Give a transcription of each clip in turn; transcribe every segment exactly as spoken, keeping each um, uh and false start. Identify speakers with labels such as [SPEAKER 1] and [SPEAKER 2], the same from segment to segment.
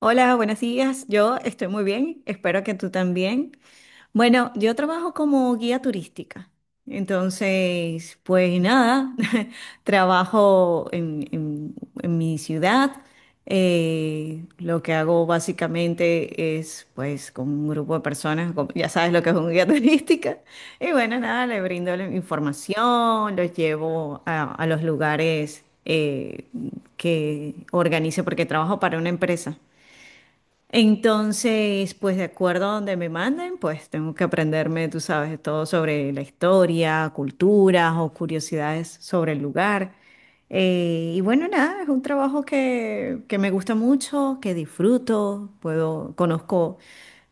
[SPEAKER 1] Hola, buenos días. Yo estoy muy bien, espero que tú también. Bueno, yo trabajo como guía turística. Entonces, pues nada, trabajo en, en- en mi ciudad. Eh, lo que hago básicamente es, pues, con un grupo de personas, como- ya sabes lo que es un guía turística. Y bueno, nada, le brindo la información, los llevo a, a los lugares eh, que organice, porque trabajo para una empresa. Entonces, pues de acuerdo a donde me manden, pues tengo que aprenderme, tú sabes, todo sobre la historia, culturas o curiosidades sobre el lugar. Eh, y bueno, nada, es un trabajo que, que me gusta mucho, que disfruto, puedo, conozco,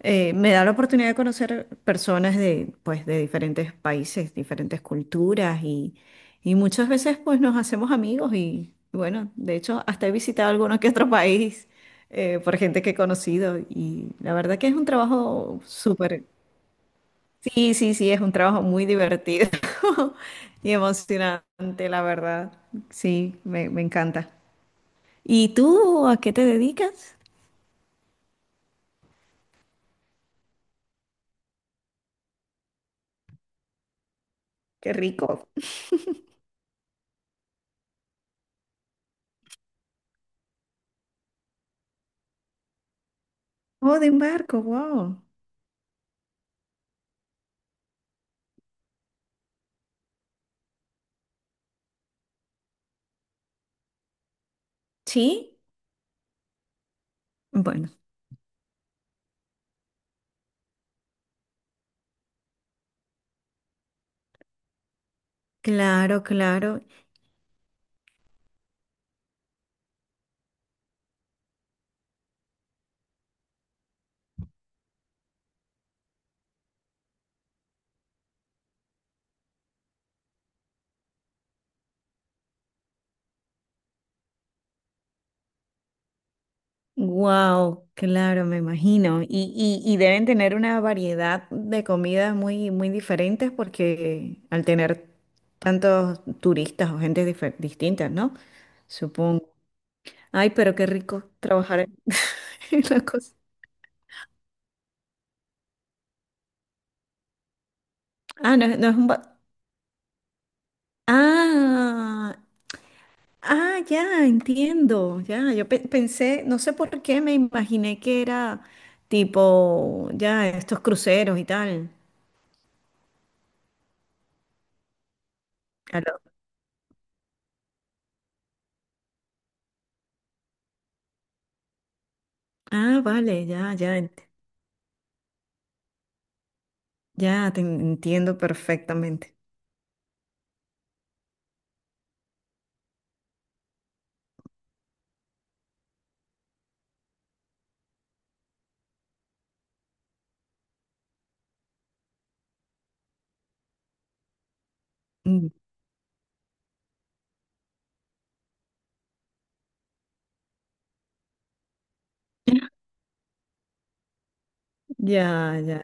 [SPEAKER 1] eh, me da la oportunidad de conocer personas de, pues, de diferentes países, diferentes culturas y, y muchas veces pues nos hacemos amigos y bueno, de hecho hasta he visitado alguno que otro país eh, por gente que he conocido y la verdad que es un trabajo súper. Sí, sí, sí, es un trabajo muy divertido y emocionante, la verdad. Sí, me, me encanta. ¿Y tú a qué te dedicas? Qué rico. Oh, de embarco, wow. Sí, bueno, claro, claro. Wow, claro, me imagino. Y, y, y deben tener una variedad de comidas muy, muy diferentes porque al tener tantos turistas o gente difer- distintas, ¿no? Supongo. Ay, pero qué rico trabajar en en la cosa. Ah, no, no es un ba- Ah, ah, ya, entiendo. Ya, yo pe- pensé, no sé por qué me imaginé que era tipo, ya, estos cruceros y tal. A lo- Ah, vale, ya, ya. Ya, te entiendo perfectamente. Mm, ya, ya.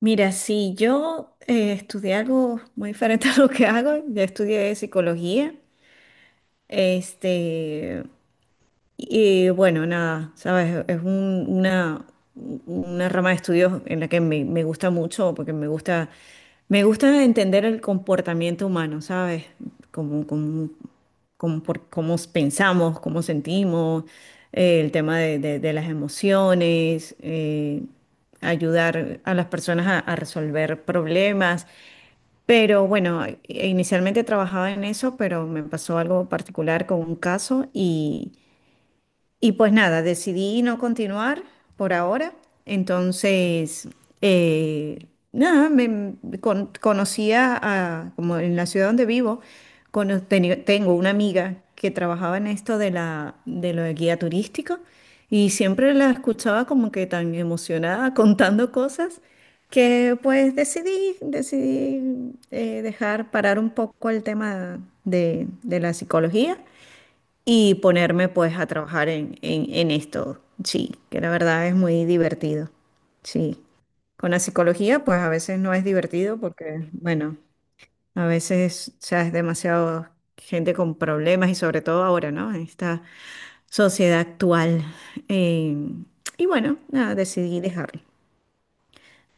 [SPEAKER 1] Mira, si yo eh, estudié algo muy diferente a lo que hago, ya estudié psicología. Este, y bueno, nada, sabes, es un- una, una rama de estudios en la que me, me gusta mucho, porque me gusta, me gusta entender el comportamiento humano, ¿sabes? Como, como, como por, cómo pensamos, cómo sentimos, eh, el tema de, de- de las emociones, eh, ayudar a las personas a, a resolver problemas. Pero bueno, inicialmente trabajaba en eso, pero me pasó algo particular con un caso y... Y pues nada, decidí no continuar por ahora. Entonces, eh, nada, me con- conocía a, como en la ciudad donde vivo, cono- teni- tengo una amiga que trabajaba en esto de la, de lo de guía turístico y siempre la escuchaba como que tan emocionada contando cosas que pues decidí, decidí eh, dejar parar un poco el tema de de la psicología y ponerme pues a trabajar en, en, en esto, sí, que la verdad es muy divertido, sí. Con la psicología pues a veces no es divertido porque, bueno, a veces, o sea, es demasiado gente con problemas y sobre todo ahora, ¿no? En esta sociedad actual. eh, y bueno, nada, decidí dejarlo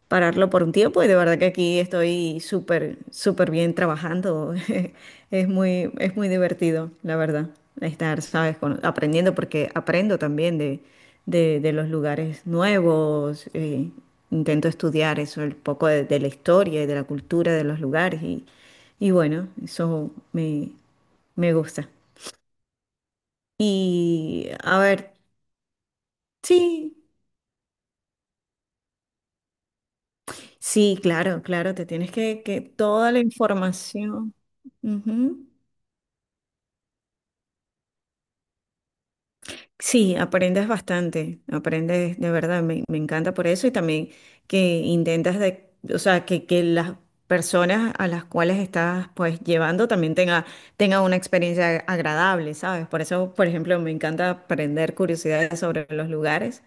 [SPEAKER 1] pararlo por un tiempo y de verdad que aquí estoy súper, súper bien trabajando. Es muy, es muy divertido, la verdad, estar, ¿sabes? Con- aprendiendo porque aprendo también de, de, de los lugares nuevos. Eh, intento estudiar eso, el poco de, de la historia y de la cultura de los lugares y, y bueno, eso me, me gusta. Y a ver, sí, sí, claro, claro, te tienes que, que toda la información. Ujú. Sí, aprendes bastante, aprendes de verdad, me, me encanta por eso y también que intentas de, o sea, que, que las personas a las cuales estás pues llevando también tenga, tenga una experiencia agradable, ¿sabes? Por eso, por ejemplo, me encanta aprender curiosidades sobre los lugares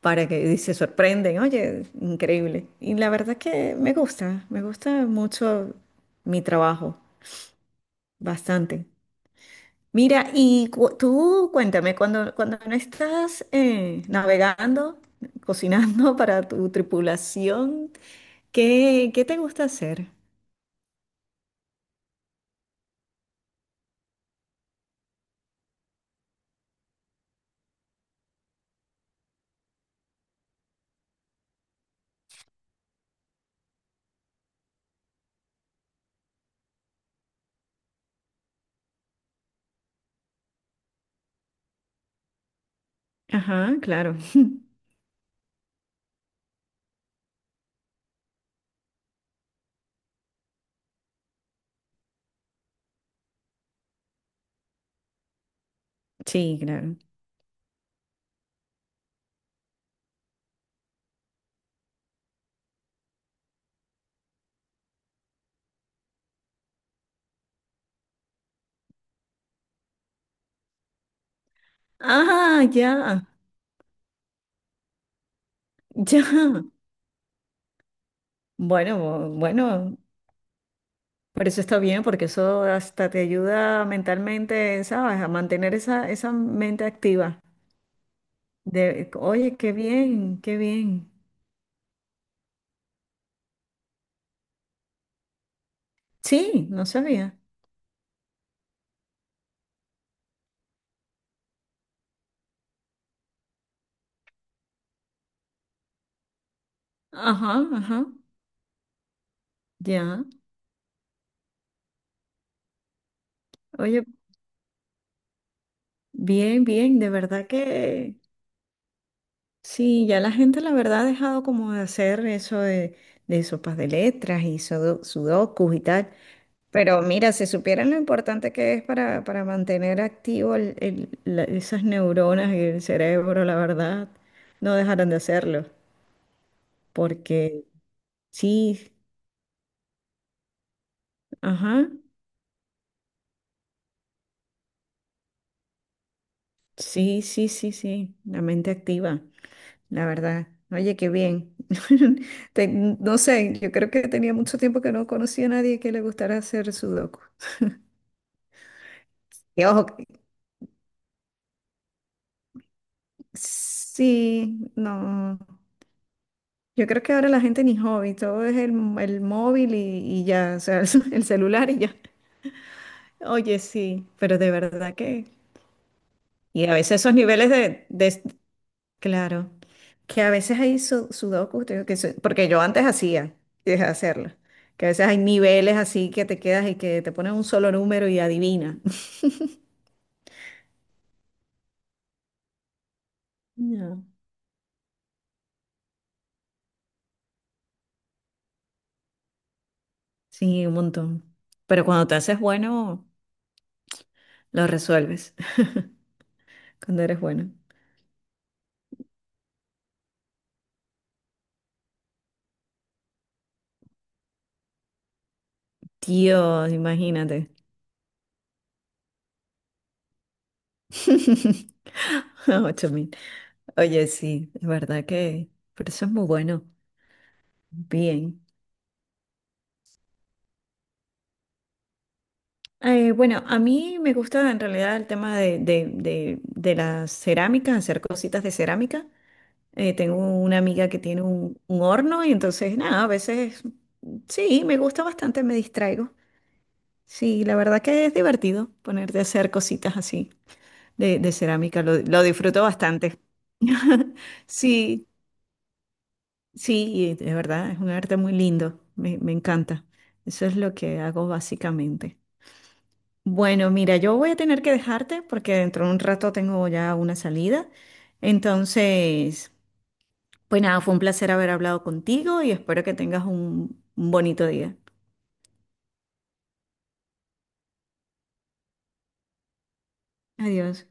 [SPEAKER 1] para que y se sorprenden, oye, increíble. Y la verdad que me gusta, me gusta mucho mi trabajo, bastante. Mira, y cu- tú cuéntame, cuando, cuando no estás eh, navegando, cocinando para tu tripulación, ¿qué, qué te gusta hacer? Ajá, claro. Sí, claro. Ah, ya, ya. Bueno, bu- bueno, por eso está bien, porque eso hasta te ayuda mentalmente, ¿sabes? A mantener esa, esa mente activa. De, oye, qué bien, qué bien. Sí, no sabía. Ajá, ajá, ya. Oye, bien, bien, de verdad que sí, ya la gente la verdad ha dejado como de hacer eso de, de sopas de letras y sudo- sudokus y tal. Pero mira, si supieran lo importante que es para, para mantener activo el- el- la- esas neuronas y el cerebro, la verdad, no dejaran de hacerlo. Porque sí, ajá, sí, sí, sí, sí, la mente activa. La verdad. Oye, qué bien. Te- no sé, yo creo que tenía mucho tiempo que no conocía a nadie que le gustara hacer sudoku. Y ojo, que- sí, no. Yo creo que ahora la gente ni hobby, todo es el, el móvil y, y ya, o sea, el celular y ya. Oye, sí, pero de verdad que. Y a veces esos niveles de, de Claro, que, a veces hay su- sudokus, te digo que su- porque yo antes hacía y dejé de hacerlo, que a veces hay niveles así que te quedas y que te ponen un solo número y adivina. No. Sí, un montón. Pero cuando te haces bueno, lo resuelves, cuando eres bueno. Dios, imagínate. Ocho mil. Oye, sí, es verdad que, pero eso es muy bueno. Bien. Eh, bueno, a mí me gusta en realidad el tema de, de, de, de las cerámicas, hacer cositas de cerámica. Eh, tengo una amiga que tiene un, un horno y entonces, nada, a veces sí, me gusta bastante, me distraigo. Sí, la verdad que es divertido ponerte a hacer cositas así de, de cerámica, lo, lo disfruto bastante. Sí, sí, de verdad, es un arte muy lindo, me, me encanta. Eso es lo que hago básicamente. Bueno, mira, yo voy a tener que dejarte porque dentro de un rato tengo ya una salida. Entonces, pues nada, fue un placer haber hablado contigo y espero que tengas un un bonito día. Adiós.